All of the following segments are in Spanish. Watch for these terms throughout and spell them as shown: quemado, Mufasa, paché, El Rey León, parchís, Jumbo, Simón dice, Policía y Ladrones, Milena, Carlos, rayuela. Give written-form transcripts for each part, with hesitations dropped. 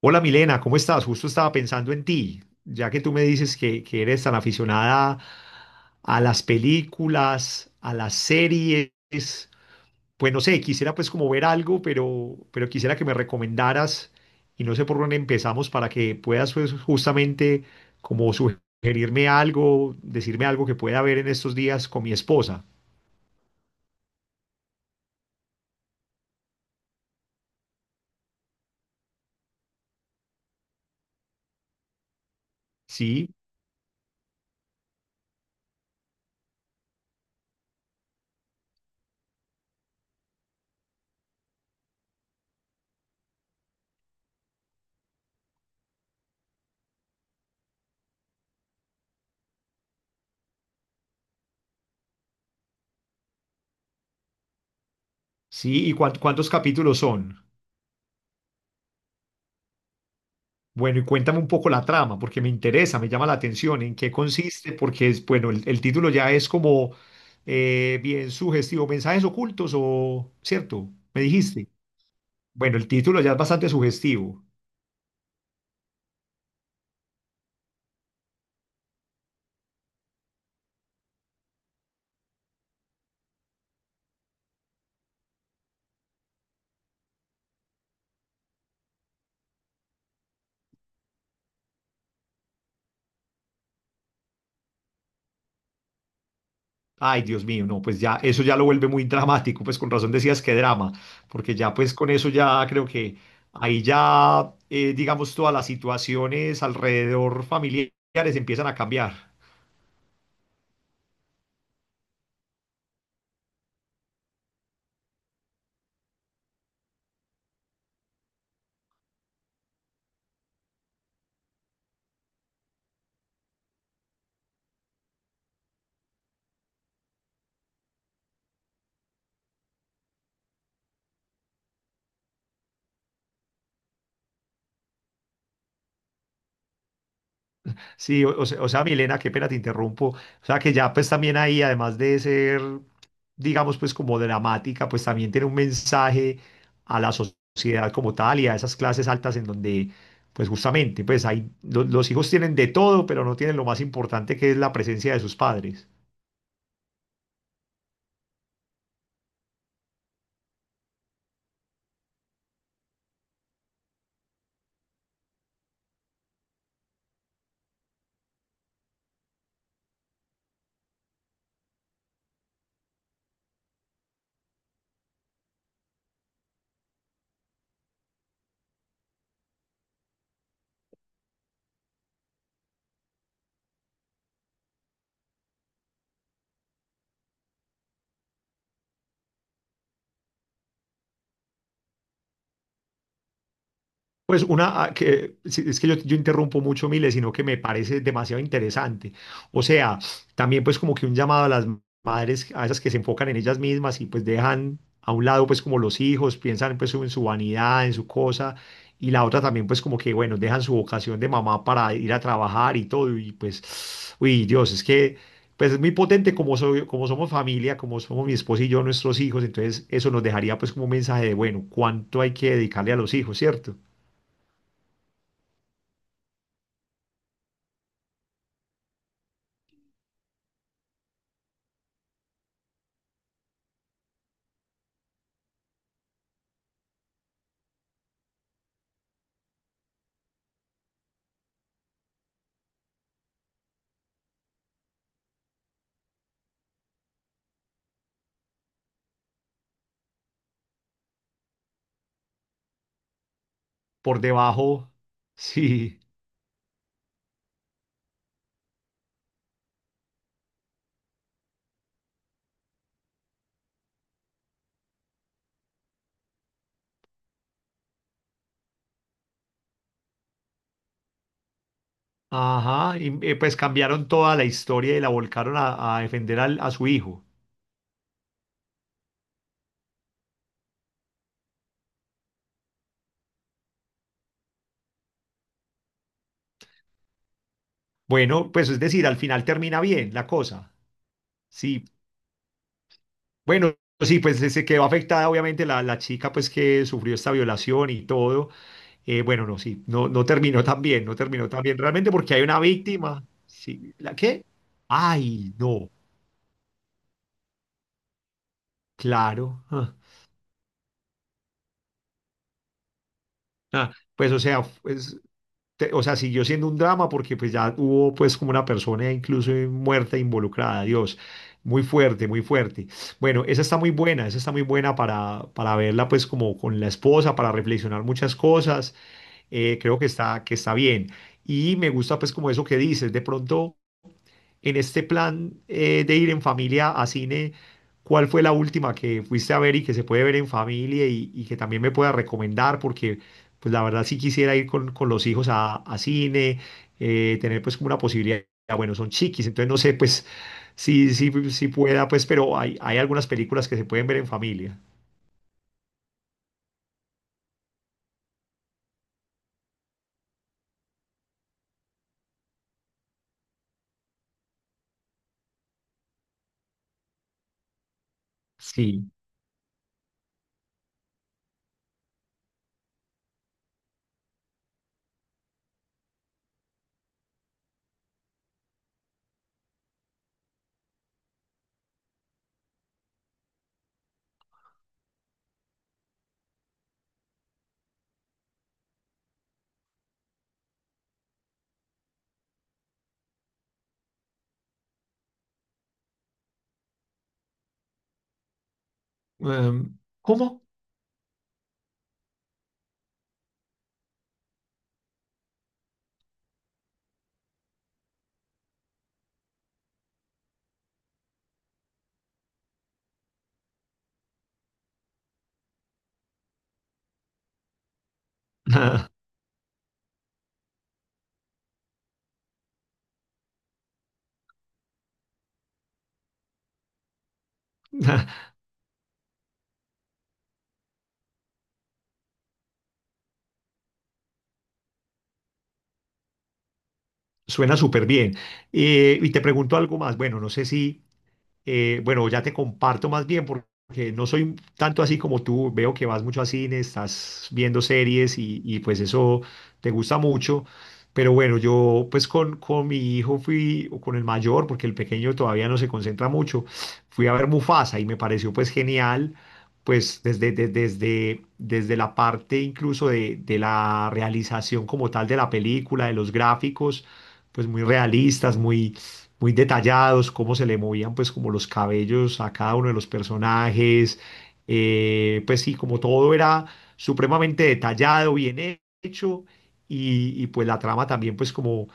Hola Milena, ¿cómo estás? Justo estaba pensando en ti, ya que tú me dices que eres tan aficionada a las películas, a las series, pues no sé, quisiera pues como ver algo, pero quisiera que me recomendaras y no sé por dónde empezamos para que puedas pues justamente como sugerirme algo, decirme algo que pueda ver en estos días con mi esposa. Sí, sí, ¿y cuántos capítulos son? Bueno, y cuéntame un poco la trama, porque me interesa, me llama la atención, en qué consiste, porque es, bueno, el título ya es como bien sugestivo, mensajes ocultos o, ¿cierto? Me dijiste. Bueno, el título ya es bastante sugestivo. Ay, Dios mío, no, pues ya eso ya lo vuelve muy dramático, pues con razón decías que drama, porque ya pues con eso ya creo que ahí ya, digamos, todas las situaciones alrededor familiares empiezan a cambiar. Sí, o sea, Milena, qué pena te interrumpo. O sea, que ya pues también ahí, además de ser, digamos, pues como dramática, pues también tiene un mensaje a la sociedad como tal y a esas clases altas en donde, pues justamente, pues hay, los hijos tienen de todo, pero no tienen lo más importante que es la presencia de sus padres. Pues una, ah, que sí, es que yo interrumpo mucho, Mile, sino que me parece demasiado interesante. O sea, también pues como que un llamado a las madres, a esas que se enfocan en ellas mismas y pues dejan a un lado pues como los hijos, piensan pues en su vanidad, en su cosa, y la otra también pues como que, bueno, dejan su vocación de mamá para ir a trabajar y todo, y pues, uy, Dios, es que pues es muy potente como, soy, como somos familia, como somos mi esposo y yo, nuestros hijos, entonces eso nos dejaría pues como un mensaje de, bueno, cuánto hay que dedicarle a los hijos, ¿cierto? Por debajo, sí, ajá, y pues cambiaron toda la historia y la volcaron a defender a su hijo. Bueno, pues es decir, al final termina bien la cosa, sí, bueno, sí, pues se quedó afectada obviamente la, la chica pues que sufrió esta violación y todo. Bueno, no, sí, no, no terminó tan bien, no terminó tan bien realmente porque hay una víctima, sí, ¿la qué? Ay, no, claro, ah, ah, pues o sea, pues o sea, siguió siendo un drama porque pues ya hubo pues como una persona incluso muerta involucrada, Dios. Muy fuerte, muy fuerte. Bueno, esa está muy buena, esa está muy buena para verla pues como con la esposa, para reflexionar muchas cosas. Creo que está bien. Y me gusta pues como eso que dices, de pronto en este plan de ir en familia a cine, ¿cuál fue la última que fuiste a ver y que se puede ver en familia y que también me pueda recomendar? Porque, pues la verdad sí quisiera ir con los hijos a cine, tener pues como una posibilidad, bueno, son chiquis, entonces no sé pues si, si, si pueda, pues, pero hay algunas películas que se pueden ver en familia. Sí. ¿Cómo? Suena súper bien. Y te pregunto algo más. Bueno, no sé si, bueno, ya te comparto más bien porque no soy tanto así como tú. Veo que vas mucho a cine, estás viendo series y, pues eso te gusta mucho. Pero bueno, yo pues con mi hijo fui, o con el mayor, porque el pequeño todavía no se concentra mucho, fui a ver Mufasa y me pareció pues genial, pues desde, desde, desde la parte incluso de la realización como tal de la película, de los gráficos, pues muy realistas, muy muy detallados, cómo se le movían pues como los cabellos a cada uno de los personajes, pues sí, como todo era supremamente detallado, bien hecho, y, pues la trama también pues como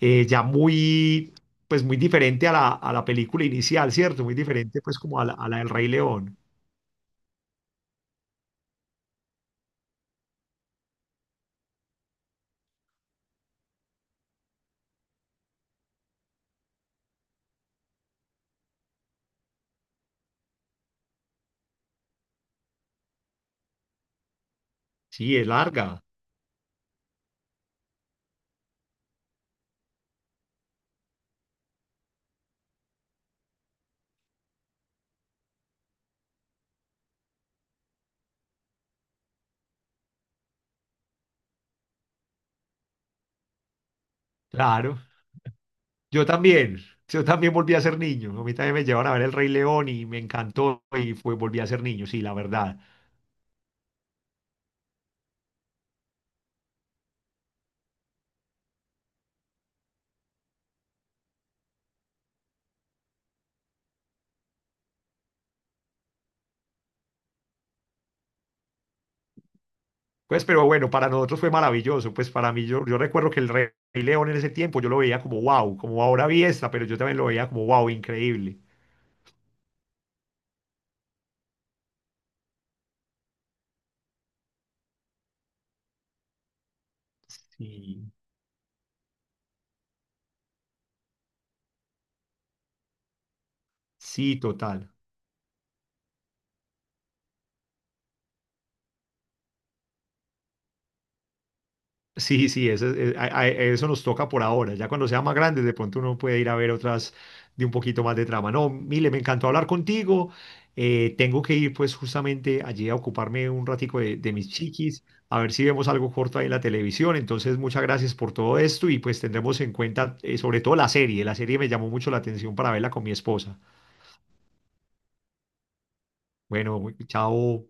ya muy, pues muy diferente a la película inicial, ¿cierto? Muy diferente pues como a la del Rey León. Sí, es larga, claro. Yo también, yo también volví a ser niño. A mí también me llevaron a ver El Rey León y me encantó y fue, volví a ser niño, sí, la verdad. Pues, pero bueno, para nosotros fue maravilloso. Pues para mí, yo recuerdo que el Rey León en ese tiempo yo lo veía como wow, como ahora vi esta, pero yo también lo veía como wow, increíble. Sí, sí, total. Sí, sí, eso, eso nos toca por ahora. Ya cuando sea más grande, de pronto uno puede ir a ver otras de un poquito más de trama. No, Mile, me encantó hablar contigo. Tengo que ir pues justamente allí a ocuparme un ratico de mis chiquis, a ver si vemos algo corto ahí en la televisión. Entonces, muchas gracias por todo esto y pues tendremos en cuenta sobre todo la serie. La serie me llamó mucho la atención para verla con mi esposa. Bueno, chao.